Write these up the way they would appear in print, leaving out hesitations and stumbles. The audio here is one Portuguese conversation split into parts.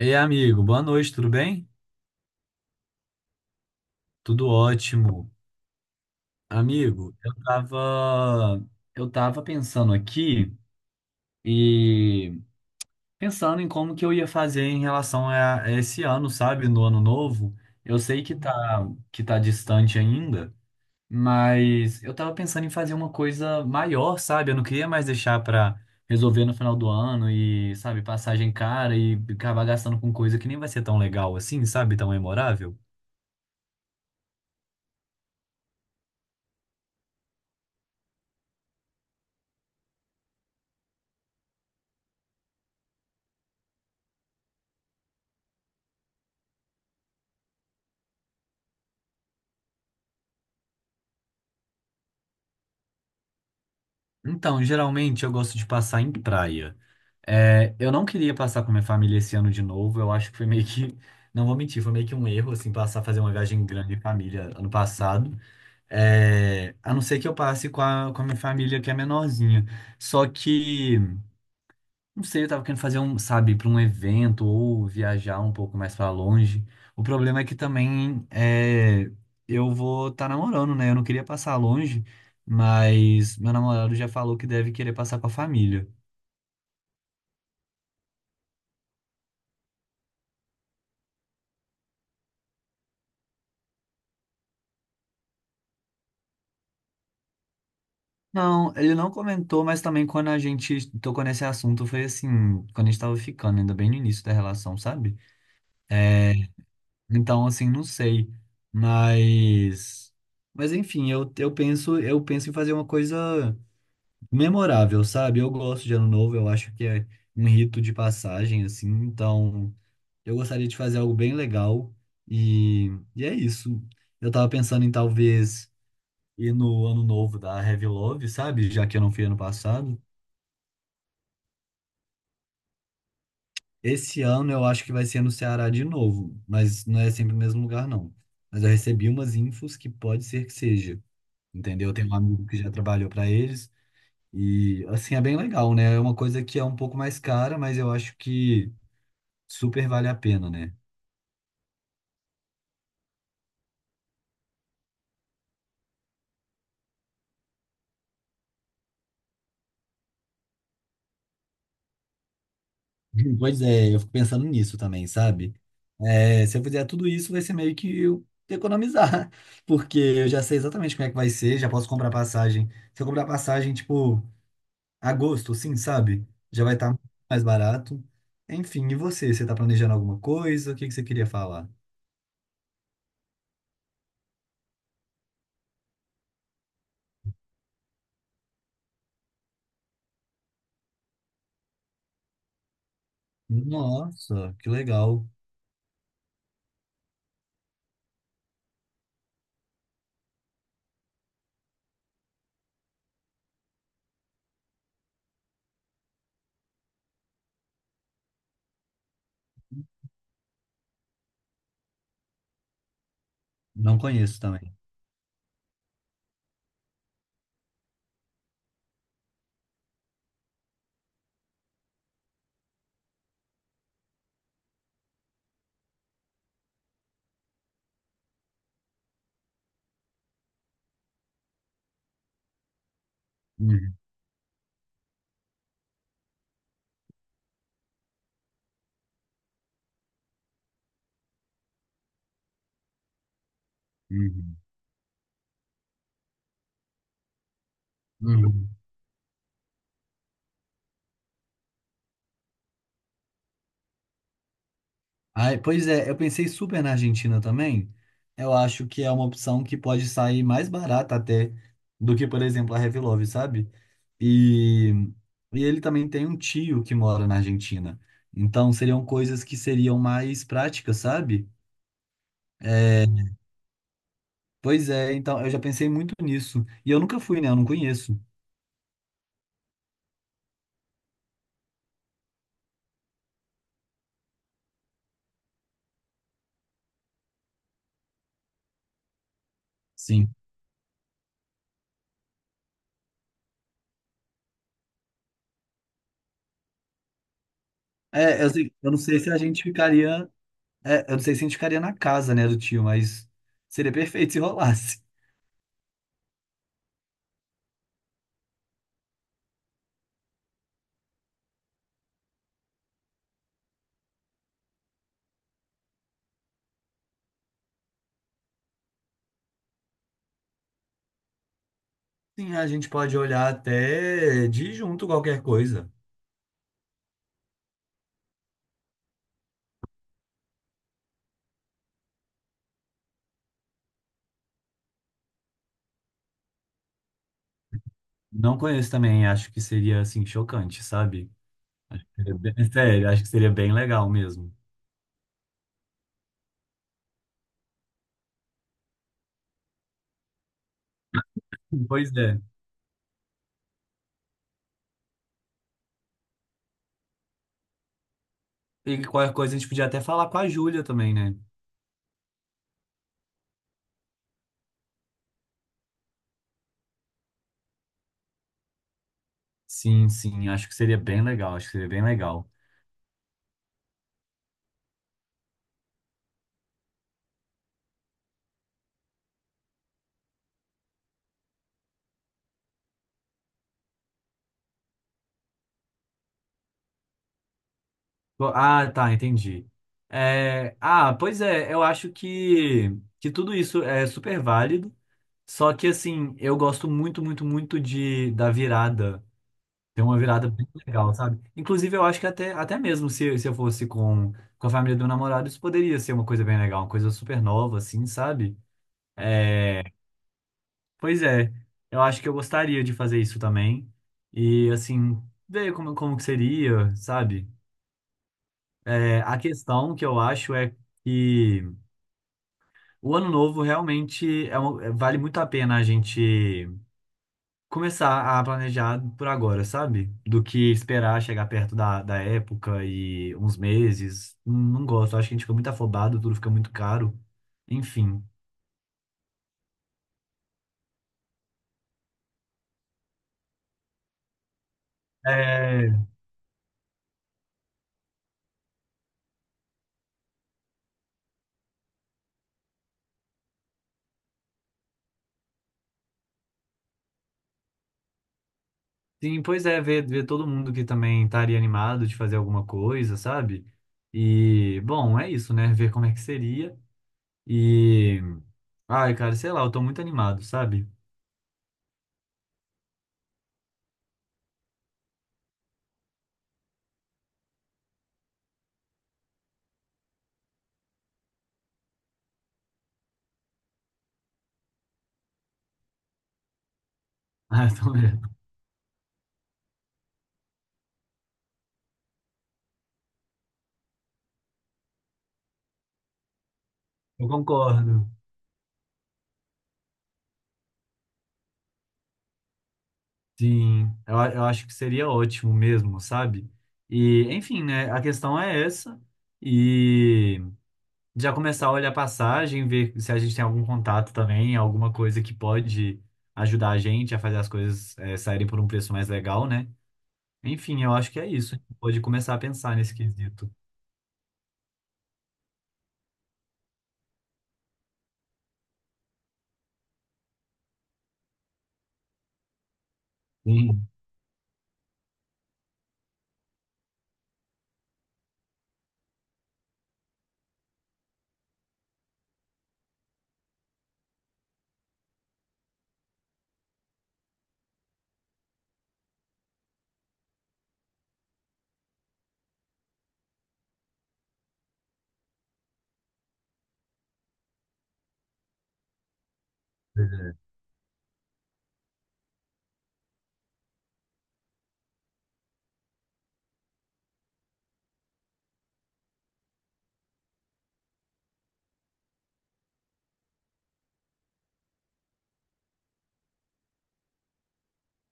Ei, amigo, boa noite, tudo bem? Tudo ótimo. Amigo, eu tava pensando aqui e pensando em como que eu ia fazer em relação a esse ano, sabe? No ano novo. Eu sei que tá distante ainda, mas eu tava pensando em fazer uma coisa maior, sabe? Eu não queria mais deixar pra resolver no final do ano e, sabe, passagem cara e acabar gastando com coisa que nem vai ser tão legal assim, sabe? Tão memorável. Então, geralmente eu gosto de passar em praia. É, eu não queria passar com minha família esse ano de novo. Eu acho que foi meio que, não vou mentir, foi meio que um erro, assim, passar a fazer uma viagem grande em família ano passado. É, a não ser que eu passe com a minha família que é menorzinha. Só que não sei, eu tava querendo fazer um, sabe, para um evento ou viajar um pouco mais para longe. O problema é que também é, eu vou estar namorando, né? Eu não queria passar longe, mas meu namorado já falou que deve querer passar com a família. Não, ele não comentou, mas também quando a gente tocou nesse assunto foi assim, quando a gente tava ficando, ainda bem no início da relação, sabe? É, então, assim, não sei, mas mas enfim, eu penso em fazer uma coisa memorável, sabe? Eu gosto de Ano Novo, eu acho que é um rito de passagem, assim, então eu gostaria de fazer algo bem legal e, e é isso. Eu tava pensando em talvez ir no Ano Novo da Heavy Love, sabe? Já que eu não fui ano passado. Esse ano eu acho que vai ser no Ceará de novo, mas não é sempre o mesmo lugar, não. Mas eu recebi umas infos que pode ser que seja, entendeu? Eu tenho um amigo que já trabalhou para eles e, assim, é bem legal, né? É uma coisa que é um pouco mais cara, mas eu acho que super vale a pena, né? Pois é, eu fico pensando nisso também, sabe? É, se eu fizer tudo isso, vai ser meio que eu economizar, porque eu já sei exatamente como é que vai ser, já posso comprar passagem. Se eu comprar passagem, tipo, agosto, sim, sabe? Já vai estar mais barato. Enfim, e você? Você tá planejando alguma coisa? O que que você queria falar? Nossa, que legal. Não conheço também. Uhum, uhum, uhum. Ai, pois é, eu pensei super na Argentina também. Eu acho que é uma opção que pode sair mais barata até do que, por exemplo, a Love, sabe? E, e ele também tem um tio que mora na Argentina. Então seriam coisas que seriam mais práticas, sabe? É, pois é, então eu já pensei muito nisso. E eu nunca fui, né? Eu não conheço. Sim. É, eu não sei se a gente ficaria. É, eu não sei se a gente ficaria na casa, né, do tio, mas seria perfeito se rolasse. Sim, a gente pode olhar até de junto qualquer coisa. Não conheço também, acho que seria assim chocante, sabe? Sério, acho que seria bem legal mesmo. Pois é. E qualquer coisa a gente podia até falar com a Júlia também, né? Sim, sim, acho que seria bem legal, acho que seria bem legal. Ah, tá, entendi. É, ah, pois é, que tudo isso é super válido, só que assim, eu gosto muito, muito, muito de da virada. Tem uma virada bem legal, sabe? Inclusive, eu acho que até mesmo se eu fosse com a família do namorado, isso poderia ser uma coisa bem legal, uma coisa super nova, assim, sabe? É, pois é, eu acho que eu gostaria de fazer isso também. E, assim, ver como que seria, sabe? É, a questão que eu acho é que o ano novo realmente vale muito a pena a gente começar a planejar por agora, sabe? Do que esperar chegar perto da época e uns meses. Não, não gosto, acho que a gente fica muito afobado, tudo fica muito caro. Enfim. É, sim, pois é, ver todo mundo que também estaria animado de fazer alguma coisa, sabe? E, bom, é isso, né? Ver como é que seria. E, ai, cara, sei lá, eu tô muito animado, sabe? Ah, eu tô mesmo. Eu concordo. Sim, eu acho que seria ótimo mesmo, sabe? E, enfim, né? A questão é essa. E já começar a olhar a passagem, ver se a gente tem algum contato também, alguma coisa que pode ajudar a gente a fazer as coisas, saírem por um preço mais legal, né? Enfim, eu acho que é isso. A gente pode começar a pensar nesse quesito. Sim.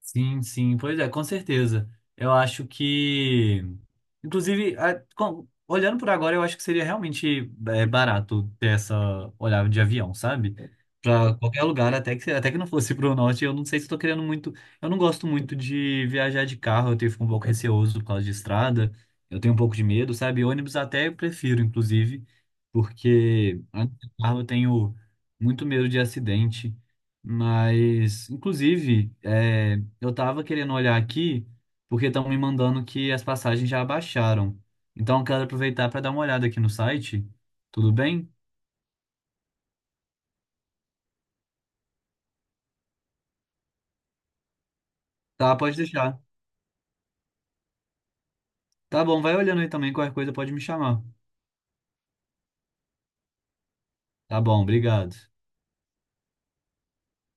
Sim, sim, pois é, com certeza. Eu acho que, inclusive, olhando por agora, eu acho que seria realmente barato ter essa olhada de avião, sabe? Pra qualquer lugar, até que não fosse pro norte, eu não sei se eu tô querendo muito. Eu não gosto muito de viajar de carro, eu tenho fico um pouco receoso por causa de estrada, eu tenho um pouco de medo, sabe? Ônibus até eu prefiro, inclusive, porque antes de carro eu tenho muito medo de acidente. Mas, inclusive, é, eu tava querendo olhar aqui, porque estão me mandando que as passagens já abaixaram. Então eu quero aproveitar para dar uma olhada aqui no site. Tudo bem? Tá, pode deixar. Tá bom, vai olhando aí também, qualquer coisa pode me chamar. Tá bom, obrigado.